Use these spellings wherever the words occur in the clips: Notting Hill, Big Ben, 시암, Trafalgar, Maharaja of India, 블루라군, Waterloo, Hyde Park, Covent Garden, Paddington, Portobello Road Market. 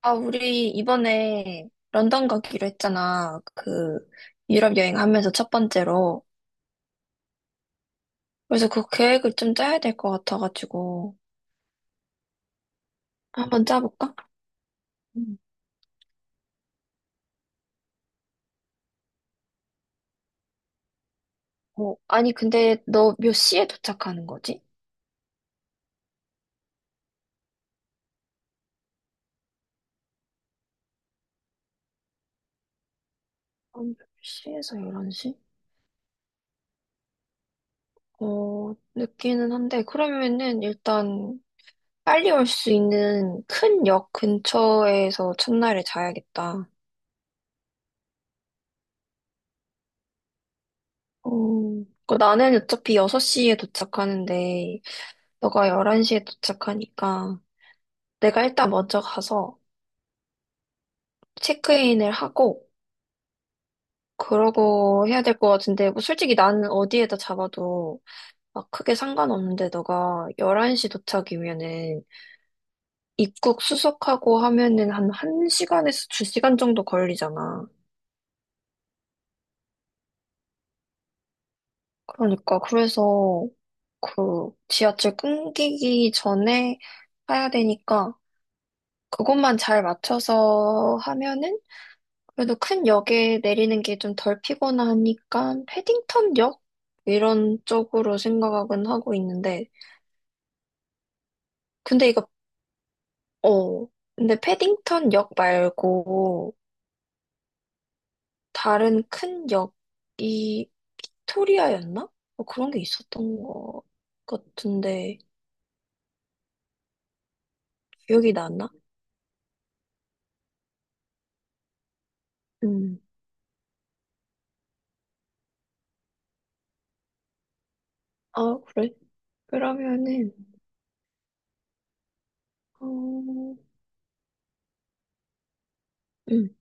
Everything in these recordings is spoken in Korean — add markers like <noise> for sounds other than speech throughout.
아, 우리 이번에 런던 가기로 했잖아. 그 유럽 여행 하면서 첫 번째로. 그래서 그 계획을 좀 짜야 될 것 같아가지고. 한번 짜볼까? 음. 어, 아니, 근데 너 몇 시에 도착하는 거지? 한1시에서 11시? 어, 늦기는 한데, 그러면은 일단 빨리 올 수 있는 큰 역 근처에서 첫날에 자야겠다. 어, 그 나는 어차피 6시에 도착하는데, 너가 11시에 도착하니까 내가 일단 먼저 가서 체크인을 하고 그러고 해야 될 것 같은데 뭐 솔직히 나는 어디에다 잡아도 막 크게 상관없는데 너가 11시 도착이면은 입국 수속하고 하면은 한 1시간에서 2시간 정도 걸리잖아. 그러니까 그래서 그 지하철 끊기기 전에 해야 되니까 그것만 잘 맞춰서 하면은 그래도 큰 역에 내리는 게 좀 덜 피곤하니까 패딩턴 역? 이런 쪽으로 생각은 하고 있는데 근데 이거 어 근데 패딩턴 역 말고 다른 큰 역이 빅토리아였나? 뭐 그런 게 있었던 것 같은데 기억이 나나? 음. 아 그래? 그러면은 어, 음.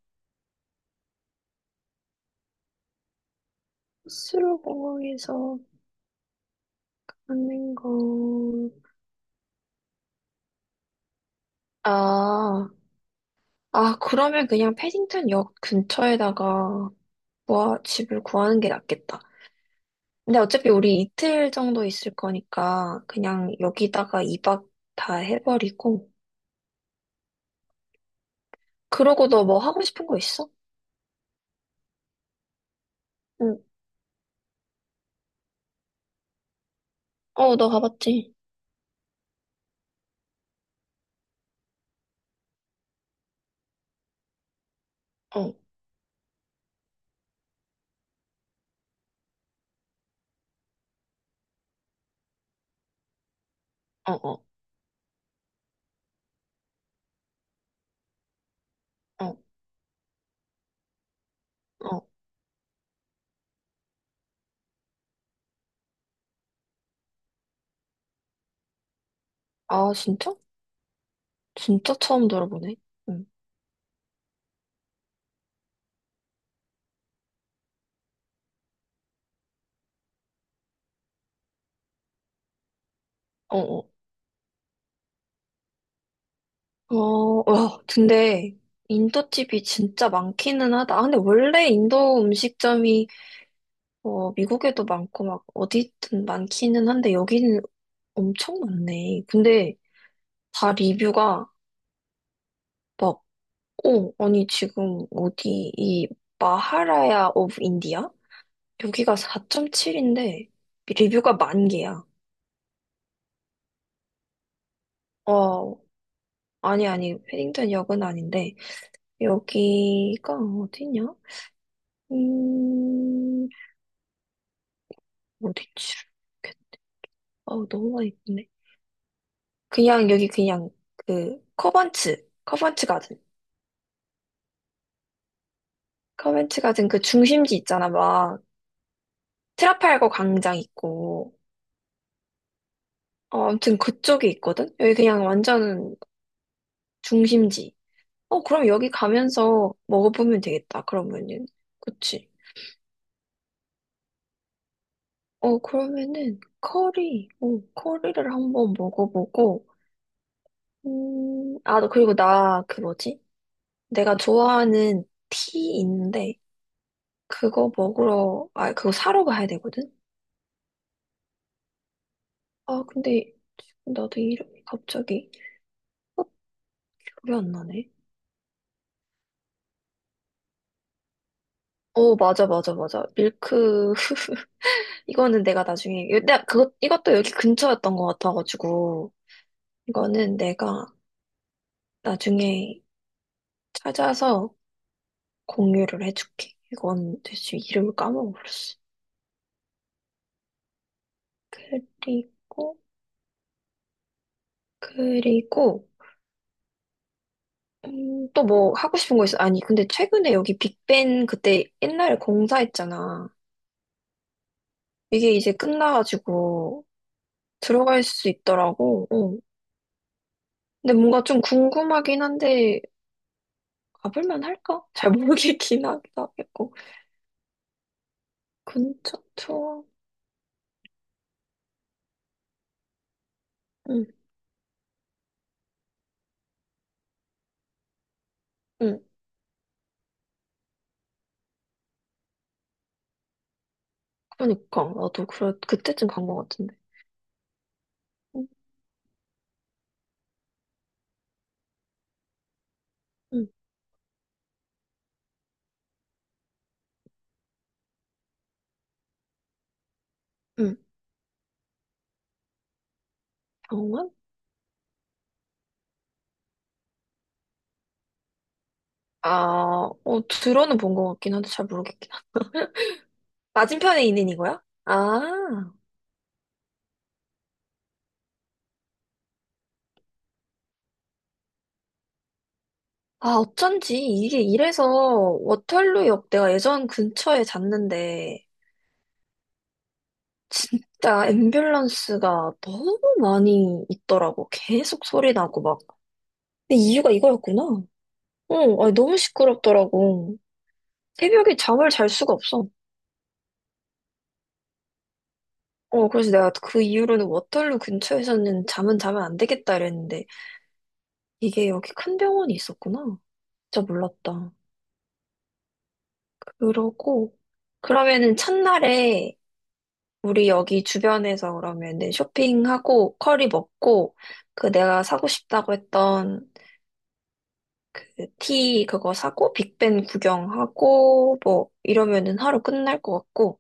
스스로 공항에서 하는 거 아. 아, 그러면 그냥 패딩턴 역 근처에다가 뭐 집을 구하는 게 낫겠다. 근데 어차피 우리 이틀 정도 있을 거니까 그냥 여기다가 2박 다 해버리고. 그러고 너 뭐 하고 싶은 거 있어? 응. 어, 너 가봤지? 어, 어, 어, 어, 어. 아, 진짜? 진짜 처음 들어보네. 응. 어, 어. 어, 와, 근데 인도집이 진짜 많기는 하다. 아, 근데 원래 인도 음식점이 어, 미국에도 많고 막 어디든 많기는 한데 여기는 엄청 많네. 근데 다 리뷰가 막, 오 아니 지금 어디 이 마하라야 오브 인디아? 여기가 4.7인데 리뷰가 만 개야. 어, 아니 아니 패딩턴 역은 아닌데 여기가 어디냐? 음, 어디지? 어, 너무 많이 있네. 그냥 여기 그냥 그 커번츠 가든. 커벤츠 가든 그 중심지 있잖아, 막 트라팔거 광장 있고, 어, 아무튼 그쪽에 있거든? 여기 그냥 완전 중심지. 어, 그럼 여기 가면서 먹어보면 되겠다, 그러면은. 그치? 어, 그러면은 커리, 어, 커리를 한번 먹어보고, 아, 너 그리고 나 그 뭐지? 내가 좋아하는 티 있는데, 그거 먹으러, 아, 그거 사러 가야 되거든? 아, 근데 지금 나도 이름이 갑자기 기억이 안 나네. 어, 맞아, 맞아, 맞아. 밀크, <laughs> 이거는 내가 나중에, 이것도 여기 근처였던 것 같아가지고, 이거는 내가 나중에 찾아서 공유를 해줄게. 이건 대체 이름을 까먹었어. 그리고, 그리고, 또 뭐 하고 싶은 거 있어? 아니, 근데 최근에 여기 빅벤 그때 옛날에 공사했잖아. 이게 이제 끝나가지고 들어갈 수 있더라고. 어. 근데 뭔가 좀 궁금하긴 한데, 가볼만 할까? 잘 모르겠긴 하겠고. 근처 투어. 응, 응. 그러니까 나도 그래 그때쯤 간 것 같은데. 응, 응, 응. 병원? 아, 어 들어는 본 것 같긴 한데 잘 모르겠긴. 맞은편에 있는 이거야? 아, 아 어쩐지 이게 이래서 워털루역 내가 예전 근처에 잤는데 진짜 앰뷸런스가 너무 많이 있더라고. 계속 소리 나고 막. 근데 이유가 이거였구나. 응, 아니, 너무 시끄럽더라고. 새벽에 잠을 잘 수가 없어. 어, 그래서 내가 그 이후로는 워털루 근처에서는 잠은 자면 안 되겠다 이랬는데, 이게 여기 큰 병원이 있었구나. 진짜 몰랐다. 그러고, 그러면은 첫날에 우리 여기 주변에서 그러면은 쇼핑하고, 커리 먹고, 그 내가 사고 싶다고 했던 그 티 그거 사고, 빅벤 구경하고, 뭐, 이러면은 하루 끝날 것 같고,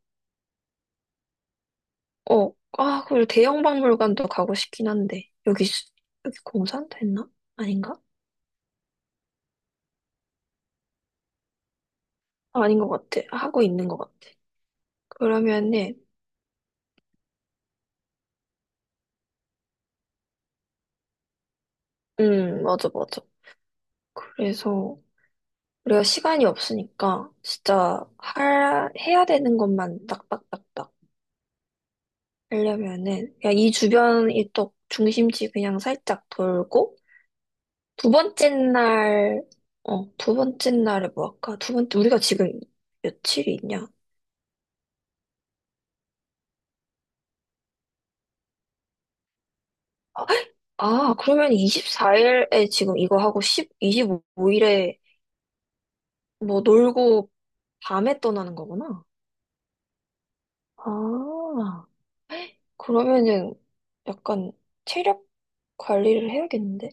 어, 아, 그리고 대형 박물관도 가고 싶긴 한데, 여기, 여기 공산됐나? 아닌가? 아, 아닌 것 같아. 하고 있는 것 같아. 그러면은, 맞아, 맞아. 그래서, 우리가 시간이 없으니까, 진짜, 할, 해야 되는 것만 딱딱딱딱 하려면은, 그냥 이 주변, 이쪽 중심지 그냥 살짝 돌고, 두 번째 날, 어, 두 번째 날에 뭐 할까? 두 번째, 우리가 지금 며칠이 있냐? 아, 그러면 24일에 지금 이거 하고 십이 25일에 뭐 놀고 밤에 떠나는 거구나. 아, 그러면은 약간 체력 관리를 해야겠는데?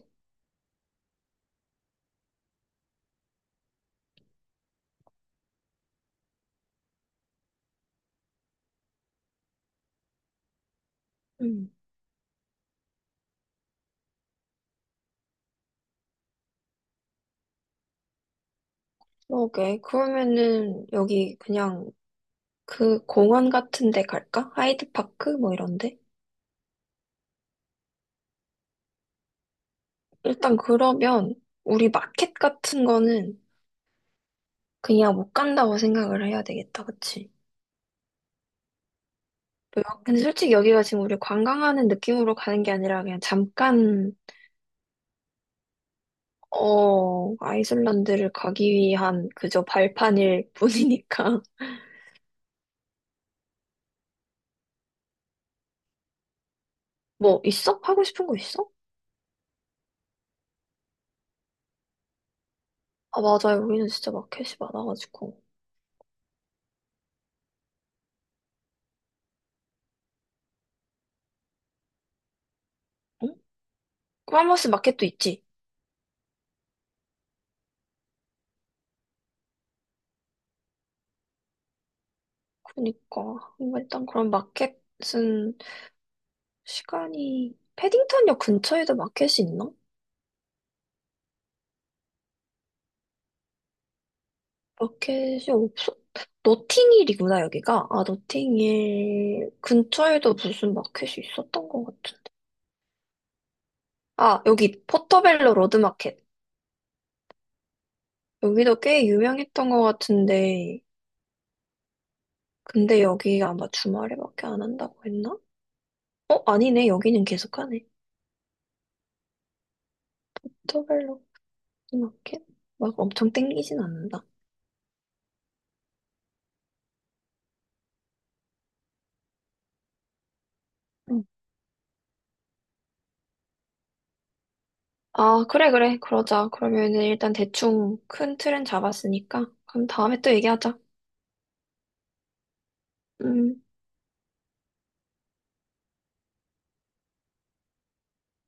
음. 오케이. 그러면은 여기 그냥 그 공원 같은 데 갈까? 하이드파크? 뭐 이런데? 일단 그러면 우리 마켓 같은 거는 그냥 못 간다고 생각을 해야 되겠다. 그치? 근데 솔직히 여기가 지금 우리 관광하는 느낌으로 가는 게 아니라 그냥 잠깐, 어, 아이슬란드를 가기 위한 그저 발판일 뿐이니까. <laughs> 뭐, 있어? 하고 싶은 거 있어? 아, 맞아. 여기는 진짜 마켓이 많아가지고. 응? 크바머스 마켓도 있지. 그러니까. 뭔가 일단 그런 마켓은 시간이, 패딩턴역 근처에도 마켓이 있나? 마켓이 없어? 노팅힐이구나, 여기가. 아, 노팅힐 근처에도 무슨 마켓이 있었던 것 같은데. 아, 여기 포터벨로 로드마켓. 여기도 꽤 유명했던 것 같은데. 근데 여기 아마 주말에밖에 안 한다고 했나? 어, 아니네. 여기는 계속 하네. 포터벨로 로드마켓? 막 엄청 땡기진 않는다. 응. 아, 그래, 그래. 그러자. 그러면 일단 대충 큰 틀은 잡았으니까. 그럼 다음에 또 얘기하자. 음.